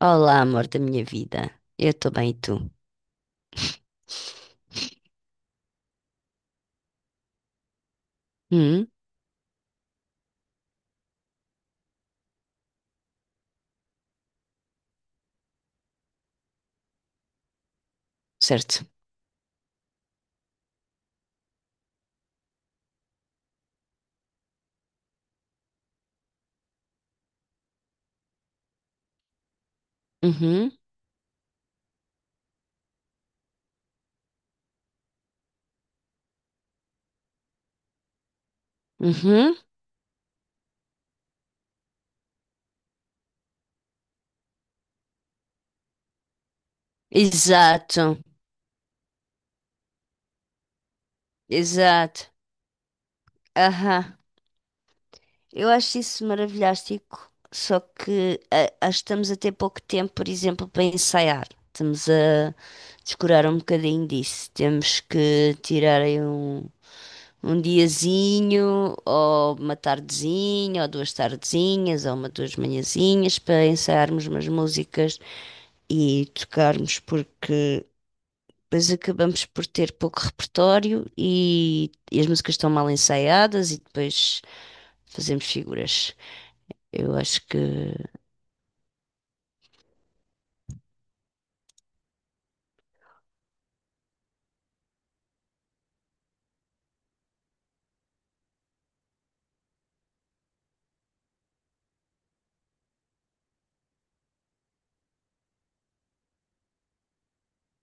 Olá, amor da minha vida. Eu estou bem, e tu? Hum, certo. Uhum, uhum. Exato, exato. Aham. Eu acho isso maravilhástico, só que acho que estamos a ter pouco tempo, por exemplo, para ensaiar. Estamos a descurar um bocadinho disso. Temos que tirar aí um diazinho, ou uma tardezinha, ou duas tardezinhas, ou uma duas manhãzinhas para ensaiarmos umas músicas e tocarmos, porque depois acabamos por ter pouco repertório e as músicas estão mal ensaiadas e depois fazemos figuras. Eu acho que.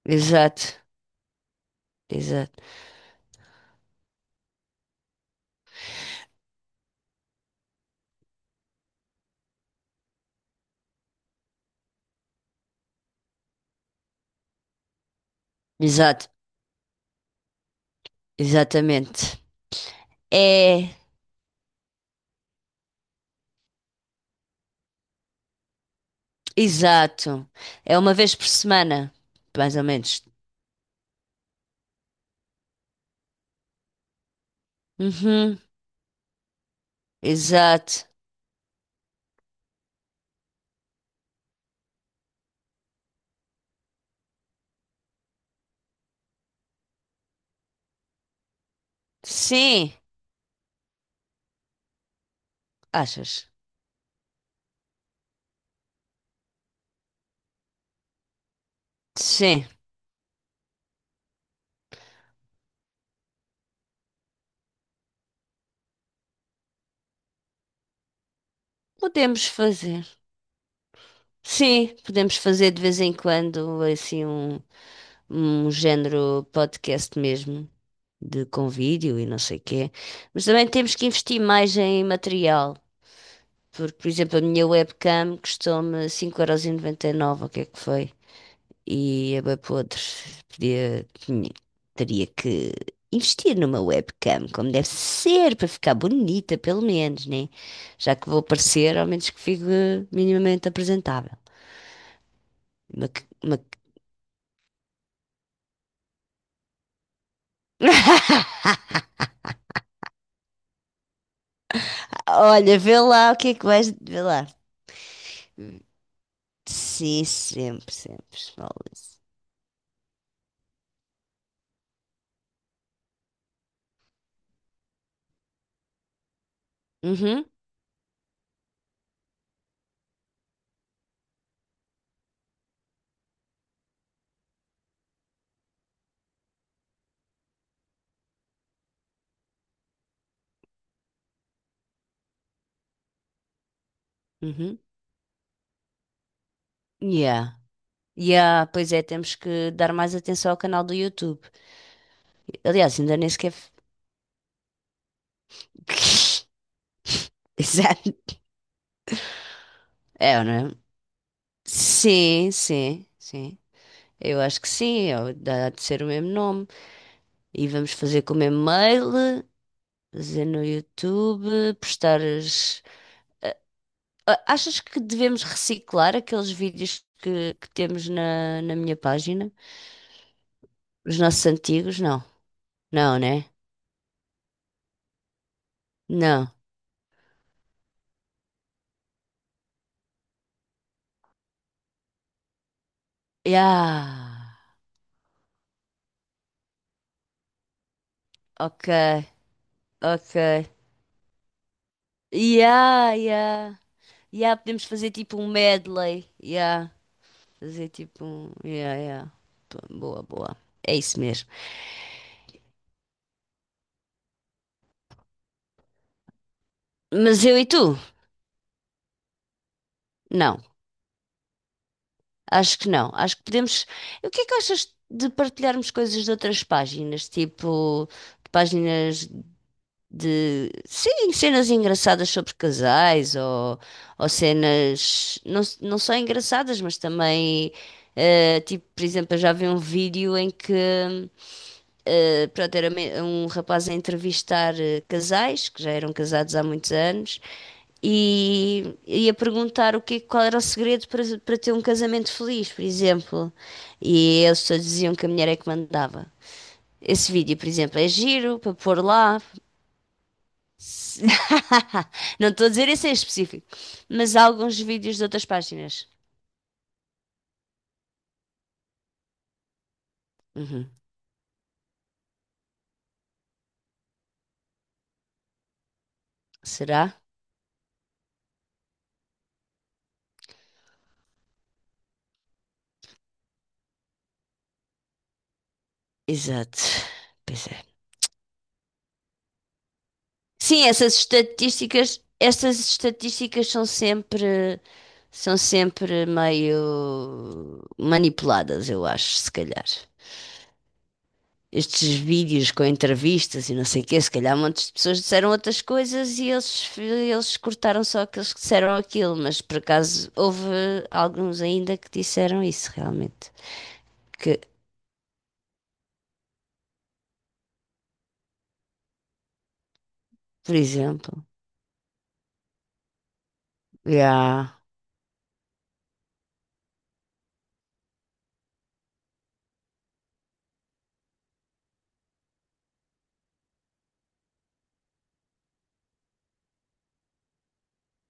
Exato, exato, exato, exatamente. É, exato. É uma vez por semana, mais ou menos. Uhum, exato. Sim, achas? Sim, podemos fazer. Sim, podemos fazer de vez em quando assim um género podcast mesmo, de com vídeo e não sei quê. Mas também temos que investir mais em material, porque, por exemplo, a minha webcam custou-me 5,99€, o que é que foi? E a podre, podia, teria que investir numa webcam, como deve ser, para ficar bonita, pelo menos, né? Já que vou aparecer, ao menos que fique minimamente apresentável. Uma c- uma c- Olha, vê lá o que é que vais. Vê lá. Sim, sempre, sempre. Always. Uhum, uhum. Yeah. Yeah, pois é, temos que dar mais atenção ao canal do YouTube. Aliás, ainda nem sequer. Exato. É, né? Sim, sim, sim. Eu acho que sim, é, dá de ser o mesmo nome. E vamos fazer com o mesmo mail, fazer no YouTube, postar as. Ah, achas que devemos reciclar aqueles vídeos que temos na minha página? Os nossos antigos? Não. Não, né? Não. Yeah. Ok, ok. Yeah, yeah. Yeah, podemos fazer tipo um medley. Yeah. Fazer tipo um. Yeah, yeah. Boa, boa. É isso mesmo. Mas eu e tu? Não. Acho que não. Acho que podemos. O que é que achas de partilharmos coisas de outras páginas? Tipo, de páginas de. Sim, cenas engraçadas sobre casais ou cenas. Não, não só engraçadas, mas também. Tipo, por exemplo, eu já vi um vídeo em que. Pronto, era um rapaz a entrevistar casais que já eram casados há muitos anos e a perguntar o que, qual era o segredo para ter um casamento feliz, por exemplo. E eles todos diziam que a mulher é que mandava. Esse vídeo, por exemplo, é giro para pôr lá. Se- Não estou a dizer esse em específico, mas há alguns vídeos de outras páginas. Uhum. Será? Exato. Pois é. Sim, essas estatísticas são sempre meio manipuladas, eu acho, se calhar. Estes vídeos com entrevistas e não sei o quê, se calhar montes de pessoas disseram outras coisas e eles cortaram só aqueles que disseram aquilo, mas por acaso houve alguns ainda que disseram isso realmente. Que, por exemplo, yeah,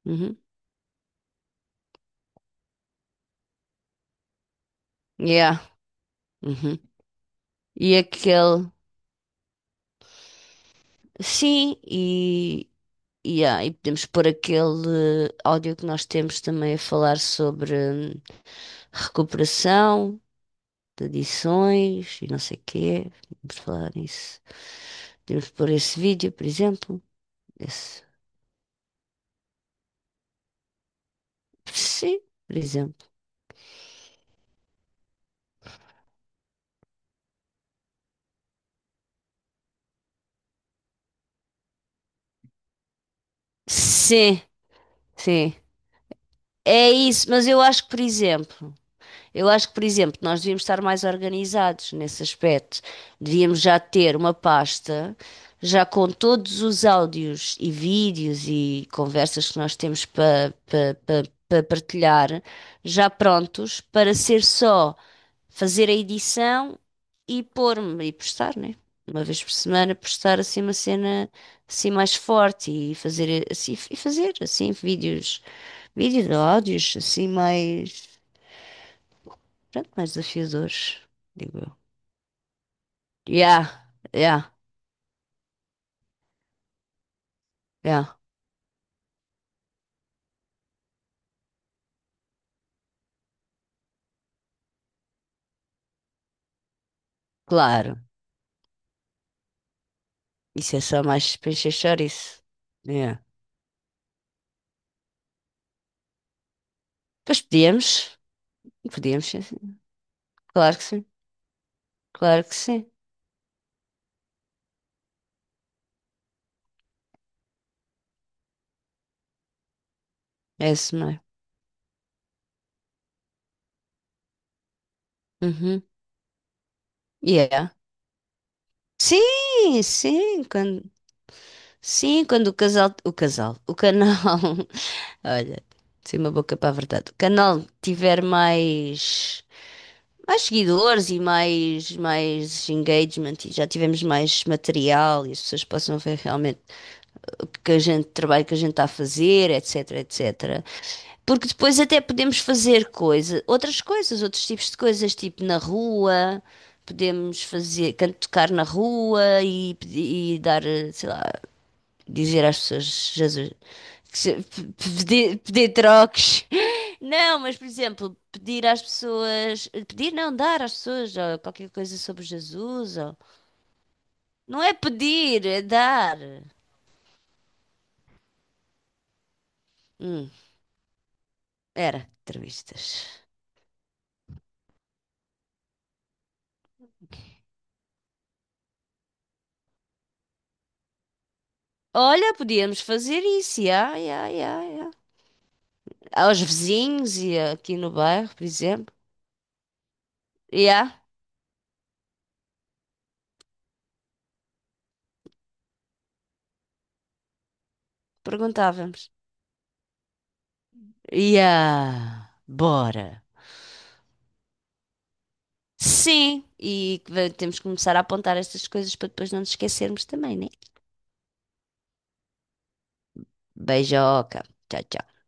uhum, yeah, uhum, e aquele, sim, yeah, e podemos pôr aquele áudio que nós temos também a falar sobre hum, recuperação de adições e não sei o quê. Podemos falar nisso. Podemos pôr esse vídeo, por exemplo. Esse. Sim, por exemplo. Sim, sim. É isso, mas eu acho que, por exemplo, nós devíamos estar mais organizados nesse aspecto. Devíamos já ter uma pasta, já com todos os áudios e vídeos e conversas que nós temos para pa, pa- pa partilhar, já prontos para ser só fazer a edição e pôr-me e postar, né? Uma vez por semana postar assim uma cena assim mais forte e fazer assim vídeos, áudios assim mais. Pronto, mais desafios hoje, digo eu. Yeah, yeah, yeah, claro. Isso é só mais para encher chouriço. Yeah. Pois podíamos, sim, sim. Claro que sim, claro que sim. É isso, não é? Uhum. Yeah. Sim, sim, quando o casal, o casal, o canal, olha, sem uma boca para a verdade, o canal tiver mais seguidores e mais engagement e já tivemos mais material e as pessoas possam ver realmente o que a gente, o trabalho que a gente está a fazer, etc, etc. Porque depois até podemos fazer coisa, outras coisas, outros tipos de coisas, tipo na rua, podemos fazer, tocar na rua e dar, sei lá, dizer às pessoas, Jesus, que pedir troques. Não, mas por exemplo, pedir às pessoas, pedir não, dar às pessoas ó, qualquer coisa sobre Jesus. Ou. Não é pedir, é dar. Hum, era, entrevistas. Olha, podíamos fazer isso, já, já, já, já. Aos vizinhos e aqui no bairro, por exemplo. Já, perguntávamos. Já, bora. Sim, e que temos que começar a apontar estas coisas para depois não nos esquecermos também, né? Beijoca. Tchau, tchau.